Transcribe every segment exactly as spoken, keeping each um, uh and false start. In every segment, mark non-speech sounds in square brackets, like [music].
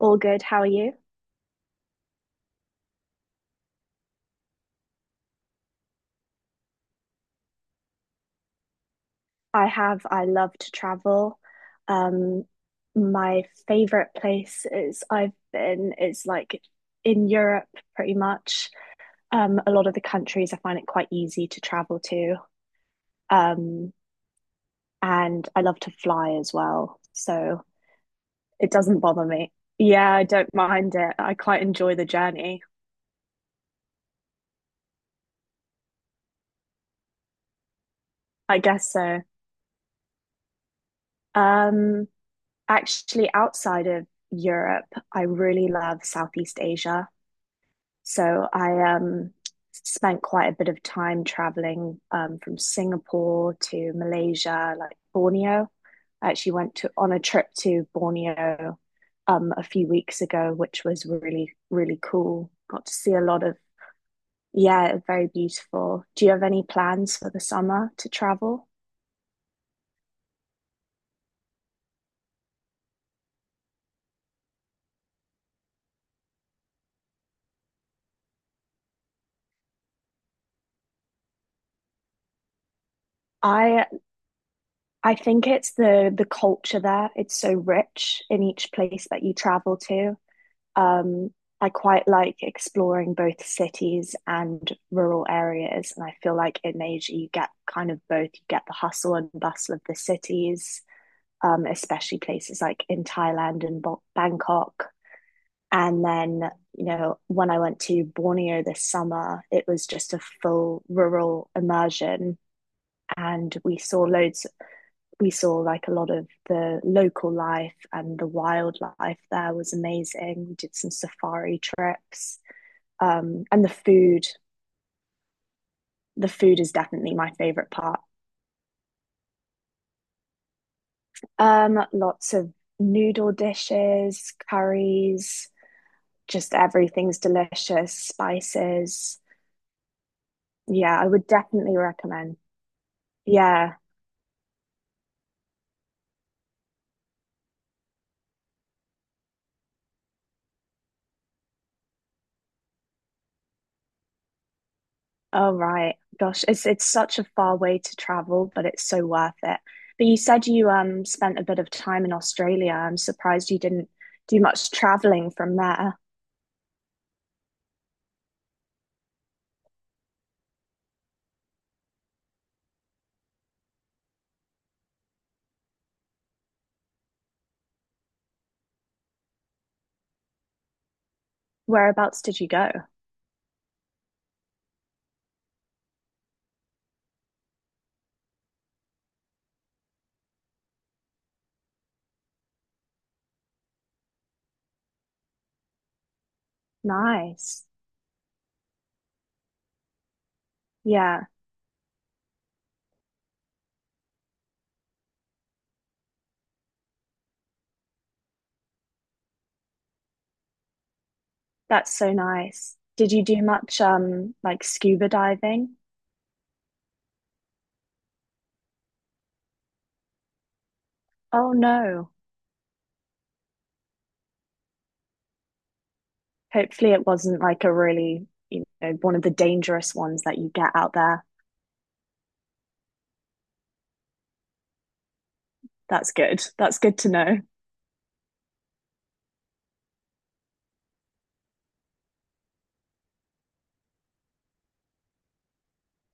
All good. How are you? I have. I love to travel. Um, my favorite place is I've been is like in Europe, pretty much. Um, a lot of the countries I find it quite easy to travel to. Um, and I love to fly as well, so it doesn't bother me. Yeah, I don't mind it. I quite enjoy the journey. I guess so. Um, Actually, outside of Europe, I really love Southeast Asia. So I um, spent quite a bit of time traveling um, from Singapore to Malaysia, like Borneo. I actually went to on a trip to Borneo um, a few weeks ago, which was really, really cool. Got to see a lot of, yeah, very beautiful. Do you have any plans for the summer to travel? I I think it's the the culture there. It's so rich in each place that you travel to. Um, I quite like exploring both cities and rural areas, and I feel like in Asia you get kind of both. You get the hustle and bustle of the cities, um, especially places like in Thailand and Bangkok. And then, you know, when I went to Borneo this summer, it was just a full rural immersion, and we saw loads. We saw like a lot of the local life and the wildlife there was amazing. We did some safari trips um, and the food. The food is definitely my favorite part. Um, lots of noodle dishes, curries, just everything's delicious, spices. Yeah, I would definitely recommend. Yeah. All right. Gosh, it's it's such a far way to travel, but it's so worth it. But you said you um spent a bit of time in Australia. I'm surprised you didn't do much traveling from there. Whereabouts did you go? Nice. Yeah. That's so nice. Did you do much um like scuba diving? Oh no. Hopefully it wasn't like a really, you know, one of the dangerous ones that you get out there. That's good. That's good to know.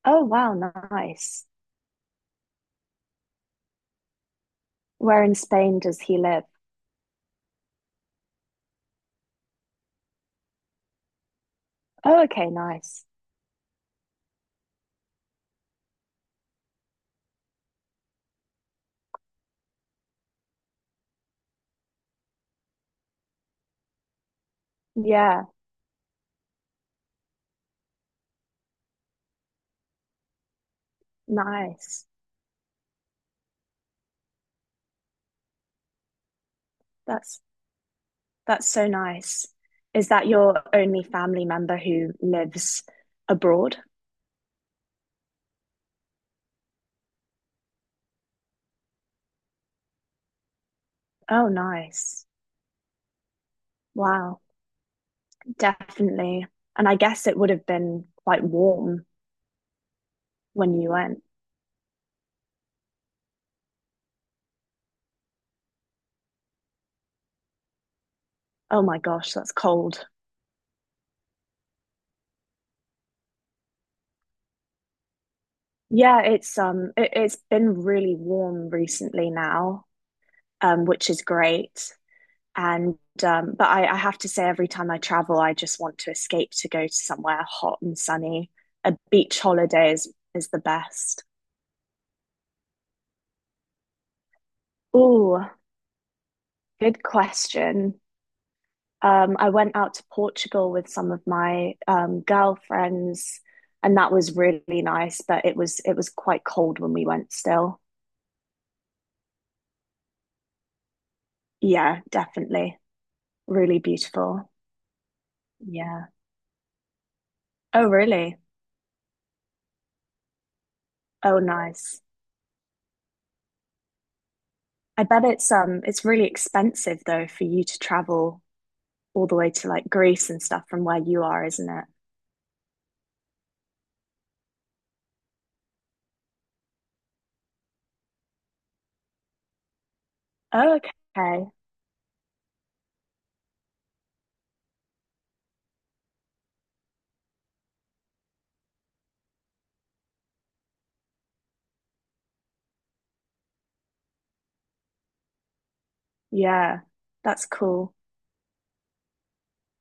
Oh wow, nice. Where in Spain does he live? Oh, okay, nice. Yeah, nice. That's that's so nice. Is that your only family member who lives abroad? Oh, nice. Wow. Definitely. And I guess it would have been quite warm when you went. Oh my gosh, that's cold. Yeah, it's um it, it's been really warm recently now, um, which is great. And um, but I, I have to say every time I travel, I just want to escape to go to somewhere hot and sunny. A beach holiday is, is the best. Ooh, good question. um, I went out to Portugal with some of my um, girlfriends, and that was really nice. But it was it was quite cold when we went still. Yeah, definitely. Really beautiful. Yeah. Oh, really? Oh, nice. I bet it's um it's really expensive though for you to travel all the way to like Greece and stuff from where you are, isn't it? Oh, okay. Yeah, that's cool.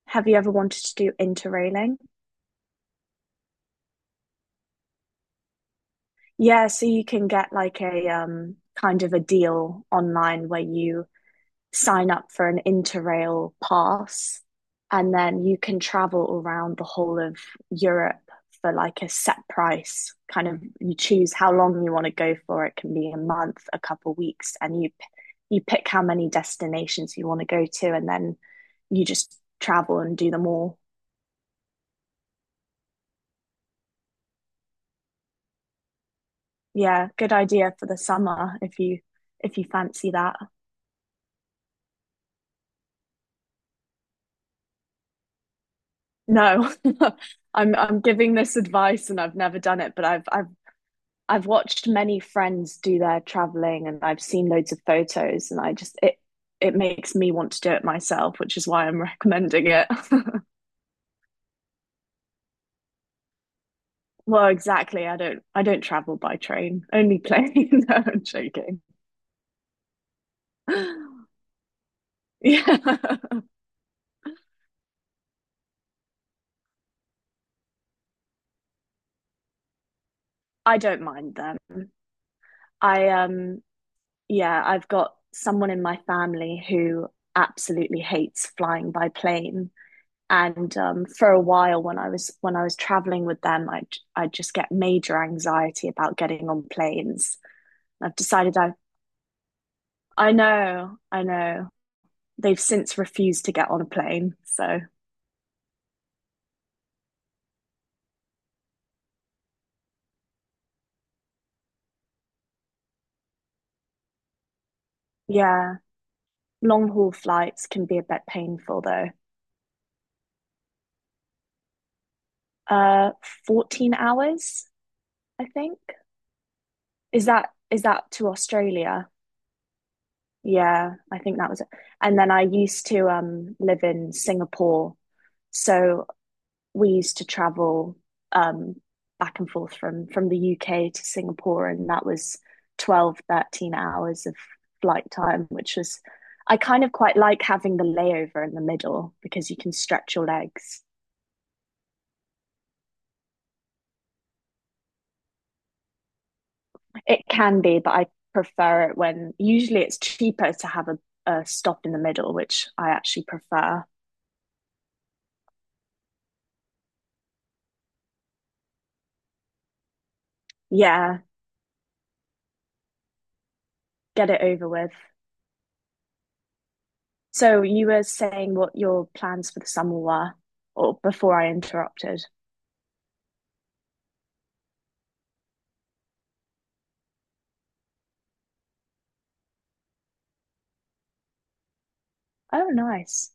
Have you ever wanted to do interrailing? Yeah, so you can get like a um kind of a deal online where you sign up for an Interrail pass and then you can travel around the whole of Europe for like a set price. Kind of you choose how long you want to go for. It can be a month, a couple weeks, and you p- you pick how many destinations you want to go to and then you just travel and do them all. Yeah, good idea for the summer if you if you fancy that. No, [laughs] I'm I'm giving this advice and I've never done it, but I've I've I've watched many friends do their traveling and I've seen loads of photos and I just it it makes me want to do it myself, which is why I'm recommending it. [laughs] Well, exactly. I don't I don't travel by train, only plane. [laughs] No, I'm joking. [laughs] Yeah. [laughs] I don't mind them. I um Yeah, I've got someone in my family who absolutely hates flying by plane. And um, for a while when i was when i was traveling with them i i just get major anxiety about getting on planes. i've decided i i know i know they've since refused to get on a plane, so yeah, long haul flights can be a bit painful though. uh 14 hours, I think. Is that is that to Australia? Yeah, I think that was it. And then I used to um live in Singapore, so we used to travel um, back and forth from from the U K to Singapore, and that was twelve thirteen hours of flight time, which was I kind of quite like having the layover in the middle because you can stretch your legs. It can be, but I prefer it when usually it's cheaper to have a, a stop in the middle, which I actually prefer. Yeah, get it over with. So you were saying what your plans for the summer were, or before I interrupted. Oh, nice.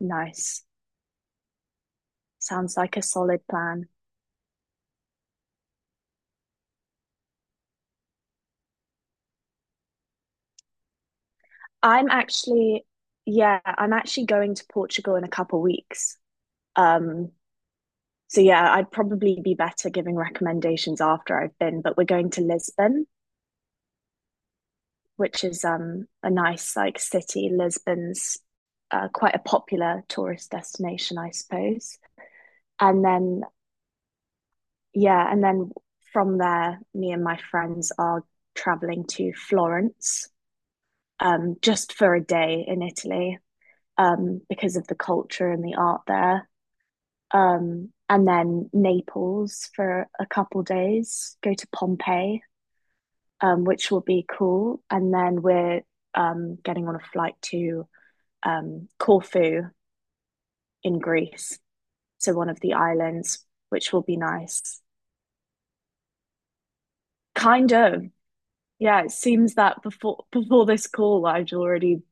Nice. Sounds like a solid plan. I'm actually, yeah, I'm actually going to Portugal in a couple weeks. Um, so yeah, I'd probably be better giving recommendations after I've been, but we're going to Lisbon, which is um a nice like city. Lisbon's uh, quite a popular tourist destination, I suppose. And then yeah, and then from there, me and my friends are traveling to Florence, um, just for a day in Italy. Um, because of the culture and the art there. Um, and then Naples for a couple days, go to Pompeii, um, which will be cool. And then we're um, getting on a flight to um, Corfu in Greece, so one of the islands, which will be nice. Kind of. Yeah, it seems that before [laughs] before this call, I would already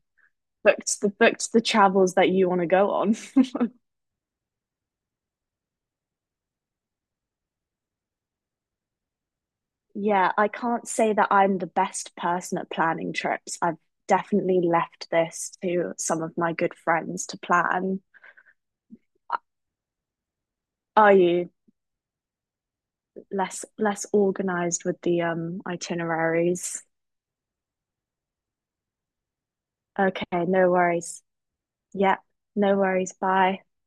booked the booked the travels that you want to go on. [laughs] Yeah, I can't say that I'm the best person at planning trips. I've definitely left this to some of my good friends to plan. Are you less less organized with the um itineraries? Okay, no worries. Yeah, no worries. Bye.